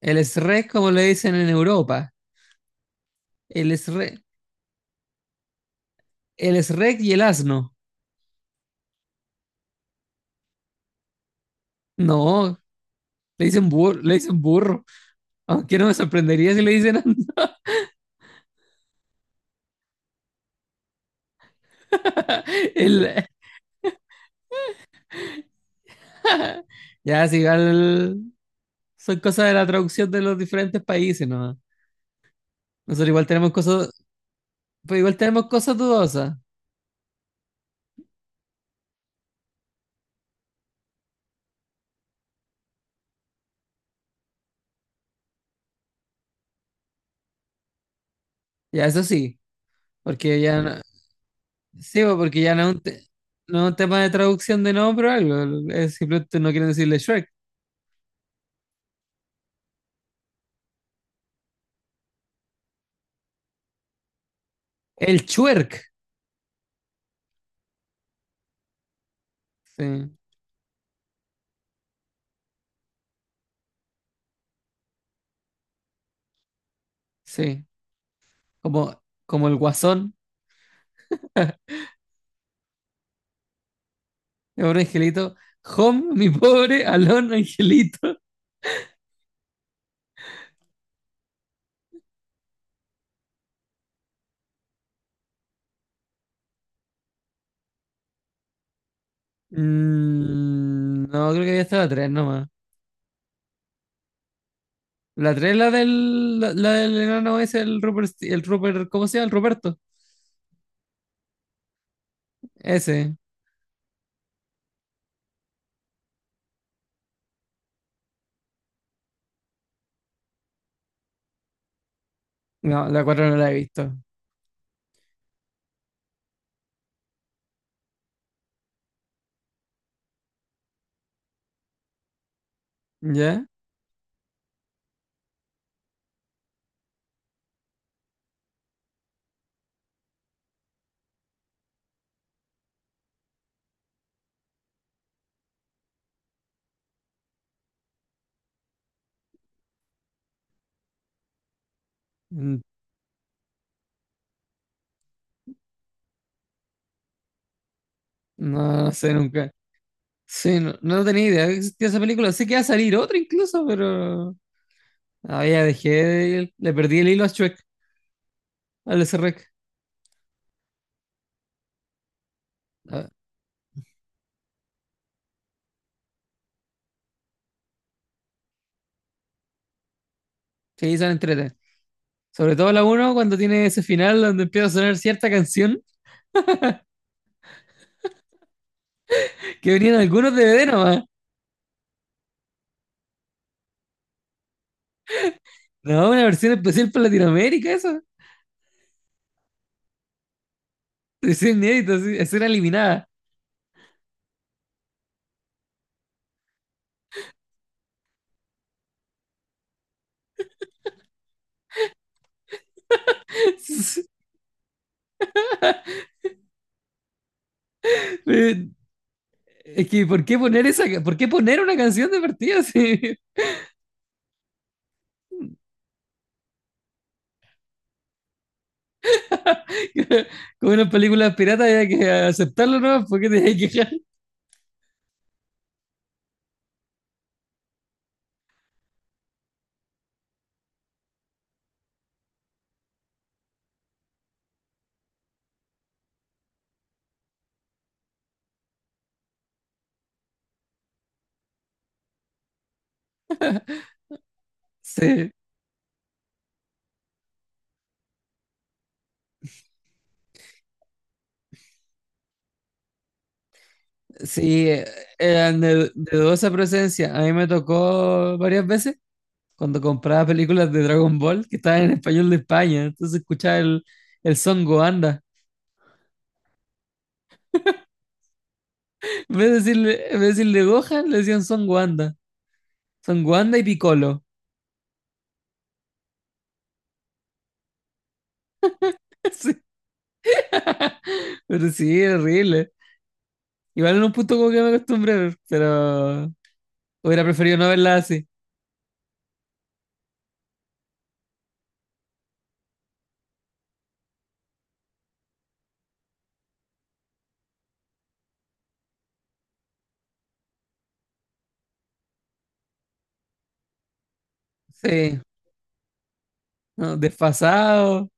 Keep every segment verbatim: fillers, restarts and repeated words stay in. El SREC, como le dicen en Europa. El SREC, el SREC y el asno. No, le dicen burro, le dicen burro. Aunque no me sorprendería si le dicen el. Ya, si igual son cosas de la traducción de los diferentes países, ¿no? Nosotros igual tenemos cosas, pues igual tenemos cosas dudosas. Ya, eso sí, porque ya no, sí, pues, porque ya no es un, te- no es un tema de traducción de nombre o algo, es simplemente no quieren decirle Shrek. El Chuerk. Sí, sí. como, como el guasón, mi pobre angelito. Home, mi pobre Alon angelito. Mm, no, creo que había estado la tres nomás. La tres es la del, la, la del enano ese, el Rupert, el Rupert, ¿cómo se llama? El Ruperto. Ese. No, la cuatro no la he visto. ¿Ya? Mm. No, no sé nunca. Sí, no, no tenía idea que existía esa película. Sé que iba a salir otra incluso, pero. Ah, ya dejé, de- le perdí el hilo a Shrek, al SREC. Ah, sí, son entrete. Sobre todo la uno cuando tiene ese final donde empieza a sonar cierta canción que venían algunos D V D nomás. No, una versión especial para Latinoamérica, eso. Es inédito, así, escena eliminada. Eh, Es que, ¿por qué poner esa, por qué poner una canción de partida así? Como en las películas piratas hay que aceptarlo, ¿no? Porque te hay que quejar. Sí, sí, eran de, de dudosa presencia. A mí me tocó varias veces cuando compraba películas de Dragon Ball que estaban en español de España. Entonces escuchaba el, el Son Goanda. En vez de decirle, en vez de decirle Gohan, le decían Son Goanda. Son Goanda y Piccolo. Sí, pero sí, era horrible. Igual en un punto como que me acostumbré, pero hubiera preferido no verla así. Sí, no, desfasado.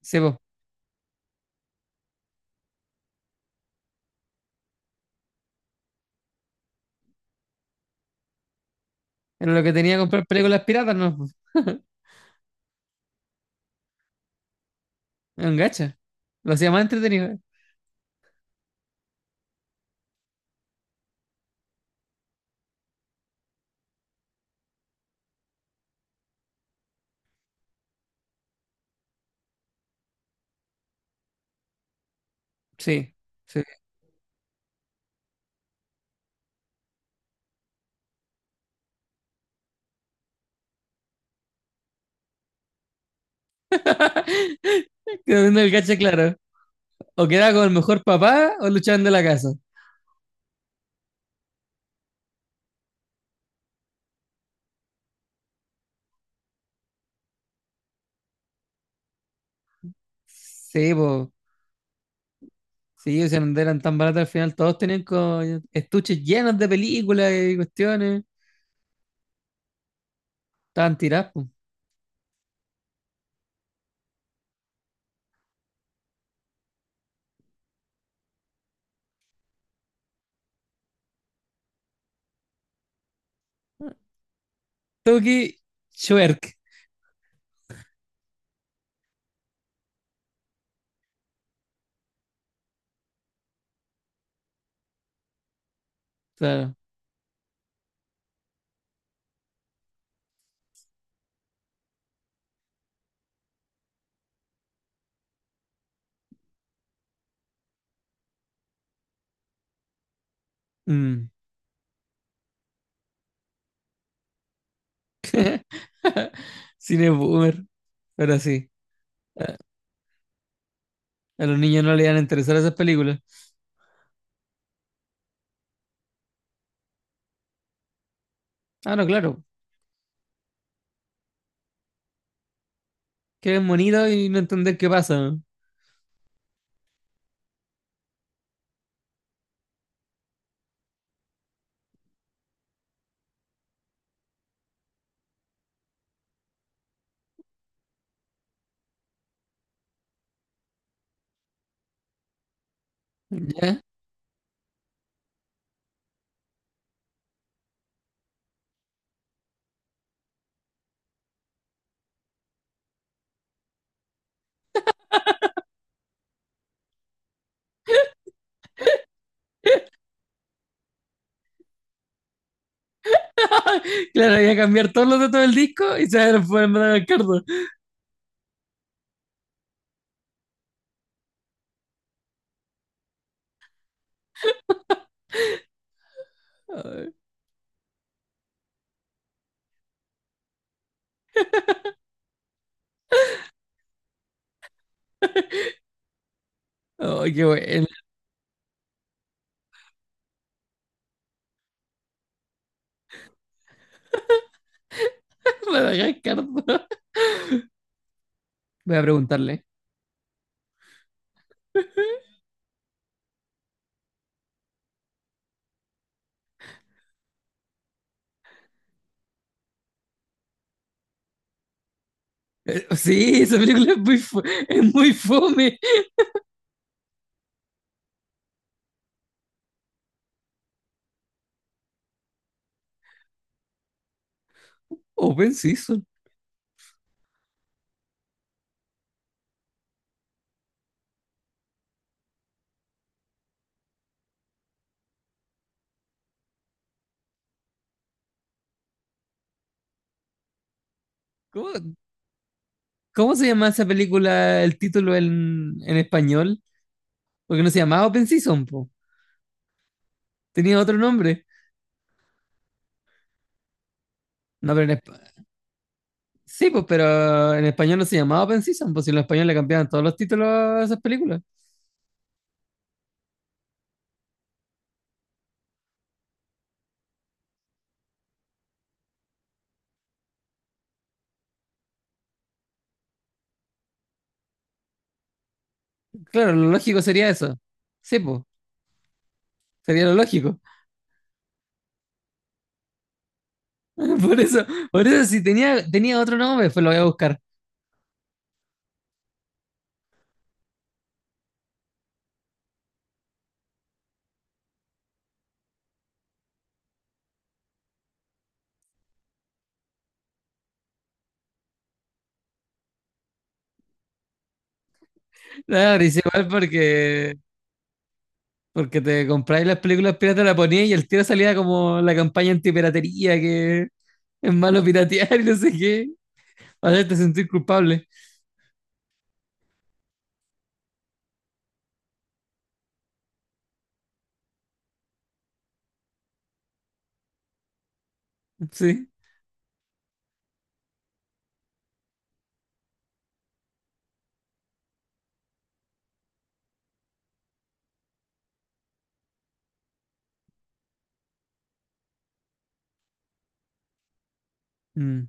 Sí, po. Era lo que tenía que comprar películas piratas, no po. Era un gacha. Lo hacía más entretenido. Sí, sí. Quedaba viendo el gacha, claro. O quedaba con el mejor papá o luchaban de la casa. Sí, pues, sí, o sea, no eran tan baratas al final, todos tenían co- estuches llenos de películas y cuestiones, estaban tiradas, pues. Toki Schwerk, claro. Mm. Cine boomer, pero sí, a los niños no les iban a interesar esas películas. Ah, no, claro, que es bonito y no entender qué pasa, ¿no? Ya. Claro, voy a cambiar todos los datos del disco y se van a poner Madagascar dos. Ay, ay, qué bueno. Madagascar dos. Voy a preguntarle. Eh, sí, esa película es muy, fu- es muy fome. Open Season. ¿Cómo, cómo se llama esa película, el título en, en español? Porque no se llamaba Open Season, po. Tenía otro nombre. No, pero en espa-. Sí, pues, pero en español no se llamaba Open Season, pues si en español le cambiaban todos los títulos a esas películas. Claro, lo lógico sería eso. Sí, pues, sería lo lógico. Por eso, por eso si tenía, tenía otro nombre, pues lo voy a buscar. Claro, y igual porque Porque te compráis las películas piratas, la ponías y el tiro salía como la campaña antipiratería, que es malo piratear y no sé qué. Para hacerte sentir culpable. Sí. Mm.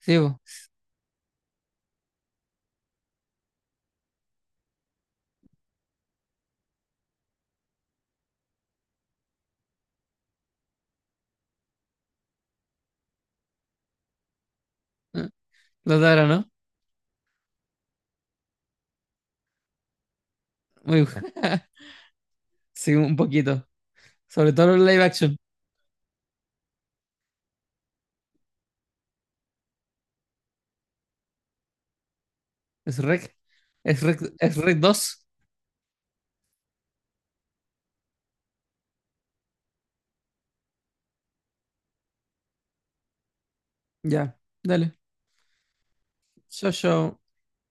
Sí, vos. Los de ahora, ¿no? Muy bu-. Sí, un poquito. Sobre todo los live action. Es rec. Es rec, es rec dos. Ya, dale. Yo, yo.